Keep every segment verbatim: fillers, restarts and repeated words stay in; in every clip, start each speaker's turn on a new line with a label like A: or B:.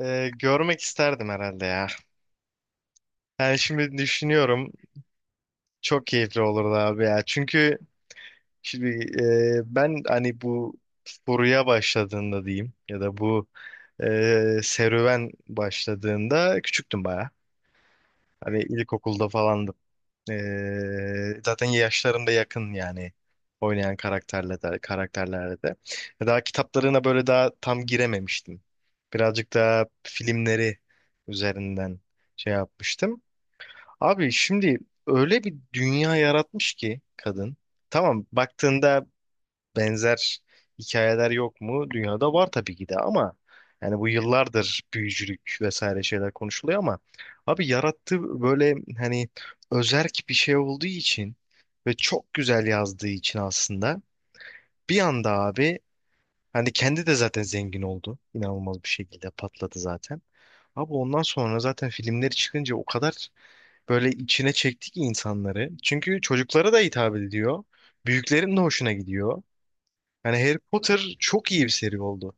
A: Ee, görmek isterdim herhalde ya. Yani şimdi düşünüyorum çok keyifli olurdu abi ya. Çünkü şimdi e, ben hani bu furuya başladığında diyeyim ya da bu e, serüven başladığında küçüktüm baya. Hani ilkokulda falandım. E, zaten yaşlarım da yakın yani oynayan karakterle de, karakterlerle de. Daha kitaplarına böyle daha tam girememiştim. Birazcık daha filmleri üzerinden şey yapmıştım. Abi şimdi öyle bir dünya yaratmış ki kadın. Tamam baktığında benzer hikayeler yok mu? Dünyada var tabii ki de, ama yani bu yıllardır büyücülük vesaire şeyler konuşuluyor ama abi yarattığı böyle hani özerk bir şey olduğu için ve çok güzel yazdığı için aslında bir anda abi hani kendi de zaten zengin oldu. İnanılmaz bir şekilde patladı zaten. Abi ondan sonra zaten filmleri çıkınca o kadar böyle içine çekti ki insanları. Çünkü çocuklara da hitap ediyor. Büyüklerin de hoşuna gidiyor. Yani Harry Potter çok iyi bir seri oldu.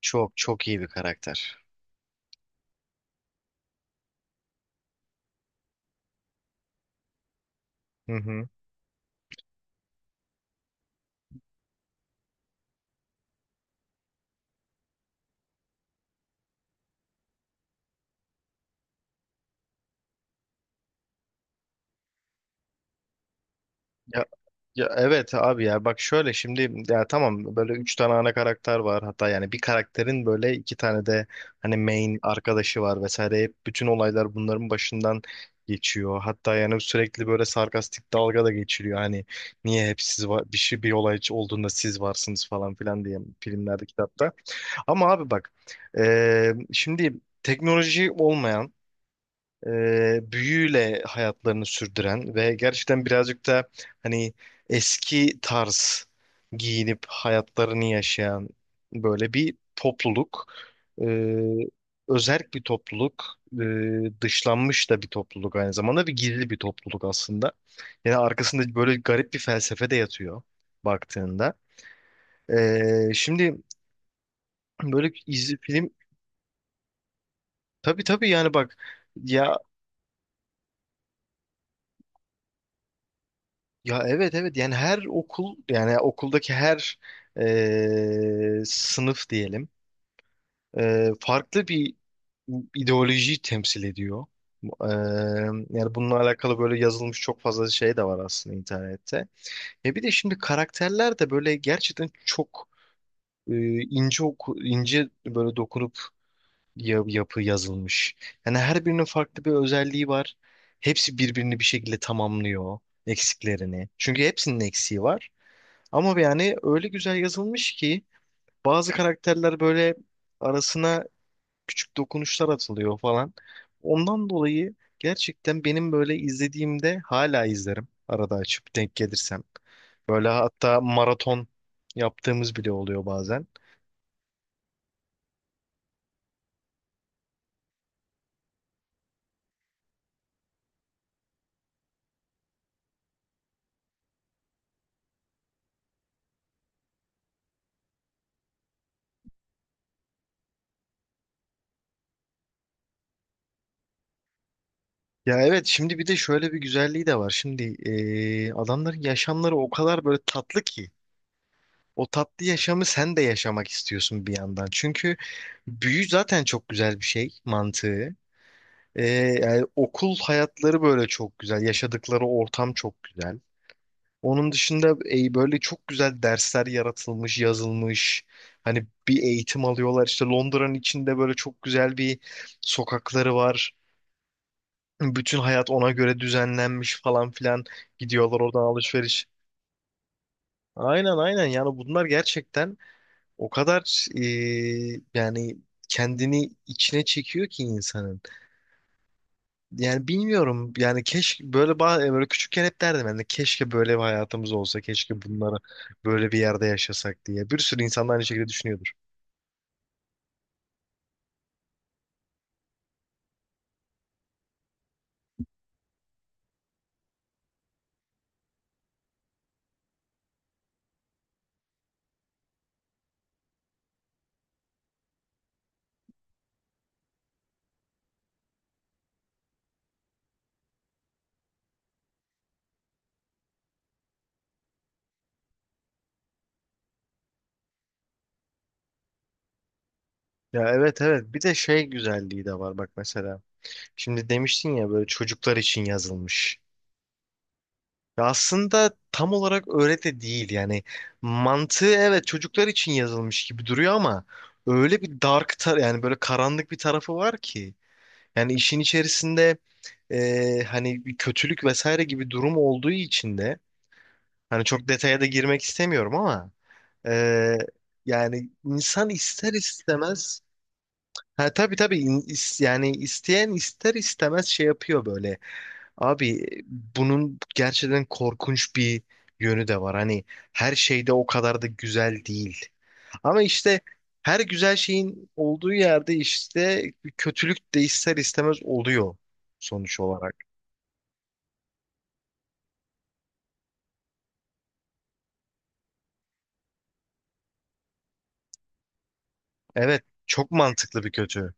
A: Çok çok iyi bir karakter. Hı hı. Ya evet abi ya, bak şöyle şimdi, ya tamam, böyle üç tane ana karakter var, hatta yani bir karakterin böyle iki tane de hani main arkadaşı var vesaire, hep bütün olaylar bunların başından geçiyor, hatta yani sürekli böyle sarkastik dalga da geçiriyor hani niye hep siz var, bir şey bir olay olduğunda siz varsınız falan filan diye filmlerde, kitapta. Ama abi bak, eee, şimdi teknoloji olmayan, e, büyüyle hayatlarını sürdüren ve gerçekten birazcık da hani eski tarz giyinip hayatlarını yaşayan böyle bir topluluk. E, Özerk bir topluluk. E, dışlanmış da bir topluluk aynı zamanda ve gizli bir topluluk aslında. Yani arkasında böyle garip bir felsefe de yatıyor baktığında. E, şimdi böyle iz, film tabii tabii, yani bak ya. Ya evet evet, yani her okul, yani okuldaki her e, sınıf diyelim e, farklı bir ideolojiyi temsil ediyor. E, Yani bununla alakalı böyle yazılmış çok fazla şey de var aslında internette. E bir de şimdi karakterler de böyle gerçekten çok e, ince oku, ince böyle dokunup ya- yapı yazılmış. Yani her birinin farklı bir özelliği var. Hepsi birbirini bir şekilde tamamlıyor eksiklerini. Çünkü hepsinin eksiği var. Ama yani öyle güzel yazılmış ki bazı karakterler böyle arasına küçük dokunuşlar atılıyor falan. Ondan dolayı gerçekten benim böyle izlediğimde hala izlerim arada, açıp denk gelirsem. Böyle hatta maraton yaptığımız bile oluyor bazen. Ya evet, şimdi bir de şöyle bir güzelliği de var. Şimdi eee, adamların yaşamları o kadar böyle tatlı ki o tatlı yaşamı sen de yaşamak istiyorsun bir yandan. Çünkü büyü zaten çok güzel bir şey mantığı. Ee, Yani okul hayatları böyle çok güzel. Yaşadıkları ortam çok güzel. Onun dışında e, böyle çok güzel dersler yaratılmış, yazılmış. Hani bir eğitim alıyorlar. İşte Londra'nın içinde böyle çok güzel bir sokakları var. Bütün hayat ona göre düzenlenmiş falan filan. Gidiyorlar oradan alışveriş. Aynen aynen, yani bunlar gerçekten o kadar e, yani kendini içine çekiyor ki insanın. Yani bilmiyorum. Yani keşke böyle ba- e, böyle küçükken hep derdim ben de, keşke böyle bir hayatımız olsa, keşke bunlara böyle bir yerde yaşasak diye. Bir sürü insan da aynı şekilde düşünüyordur. Ya evet evet. Bir de şey güzelliği de var bak mesela. Şimdi demiştin ya böyle çocuklar için yazılmış. Ya aslında tam olarak öyle de değil yani. Mantığı evet çocuklar için yazılmış gibi duruyor ama öyle bir dark tar yani böyle karanlık bir tarafı var ki. Yani işin içerisinde e, hani bir kötülük vesaire gibi durum olduğu için de hani çok detaya da girmek istemiyorum ama e, yani insan ister istemez, ha tabii tabii, in- is- yani isteyen ister istemez şey yapıyor böyle. Abi bunun gerçekten korkunç bir yönü de var. Hani her şeyde o kadar da güzel değil. Ama işte her güzel şeyin olduğu yerde işte bir kötülük de ister istemez oluyor sonuç olarak. Evet, çok mantıklı bir kötü.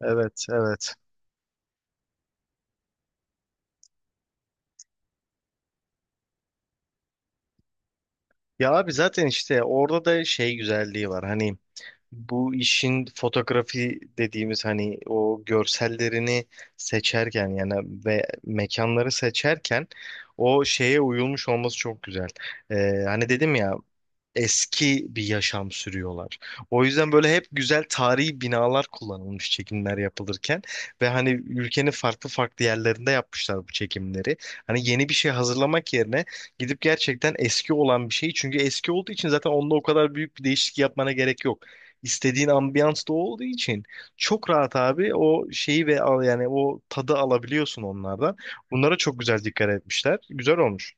A: Evet, evet. Ya abi zaten işte orada da şey güzelliği var. Hani bu işin fotoğrafi dediğimiz hani o görsellerini seçerken yani ve mekanları seçerken o şeye uyulmuş olması çok güzel. Ee, hani dedim ya, eski bir yaşam sürüyorlar. O yüzden böyle hep güzel tarihi binalar kullanılmış çekimler yapılırken ve hani ülkenin farklı farklı yerlerinde yapmışlar bu çekimleri. Hani yeni bir şey hazırlamak yerine gidip gerçekten eski olan bir şeyi, çünkü eski olduğu için zaten onda o kadar büyük bir değişiklik yapmana gerek yok. İstediğin ambiyans da o olduğu için çok rahat abi o şeyi ve al, yani o tadı alabiliyorsun onlardan. Bunlara çok güzel dikkat etmişler. Güzel olmuş.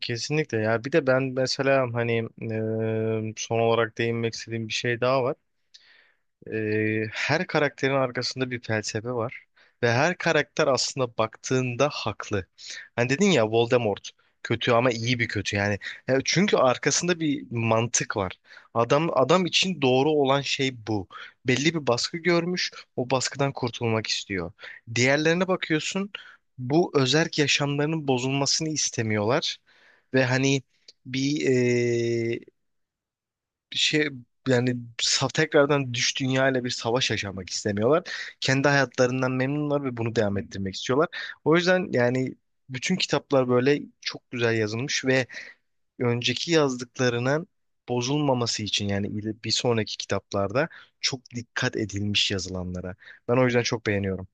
A: Kesinlikle ya. Bir de ben mesela hani eee, son olarak değinmek istediğim bir şey daha var. Ee, her karakterin arkasında bir felsefe var ve her karakter aslında baktığında haklı. Hani dedin ya, Voldemort kötü ama iyi bir kötü yani. E, çünkü arkasında bir mantık var. Adam adam için doğru olan şey bu. Belli bir baskı görmüş, o baskıdan kurtulmak istiyor. Diğerlerine bakıyorsun, bu özerk yaşamlarının bozulmasını istemiyorlar ve hani bir şey, yani sa- tekrardan düş dünyayla bir savaş yaşamak istemiyorlar. Kendi hayatlarından memnunlar ve bunu devam ettirmek istiyorlar. O yüzden yani bütün kitaplar böyle çok güzel yazılmış ve önceki yazdıklarının bozulmaması için yani il- bir sonraki kitaplarda çok dikkat edilmiş yazılanlara. Ben o yüzden çok beğeniyorum.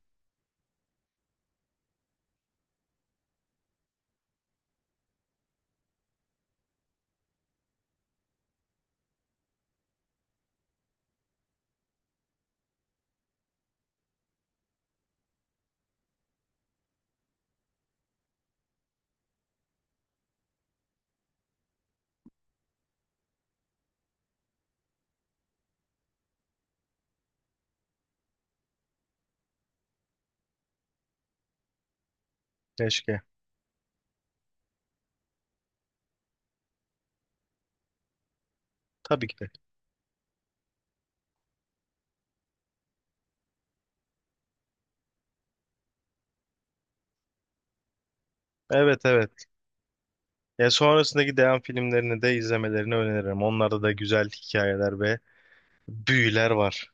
A: Keşke. Tabii ki de. Evet evet. Ya sonrasındaki devam filmlerini de izlemelerini öneririm. Onlarda da güzel hikayeler ve büyüler var.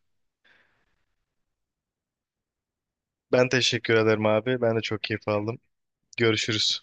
A: Ben teşekkür ederim abi. Ben de çok keyif aldım. Görüşürüz.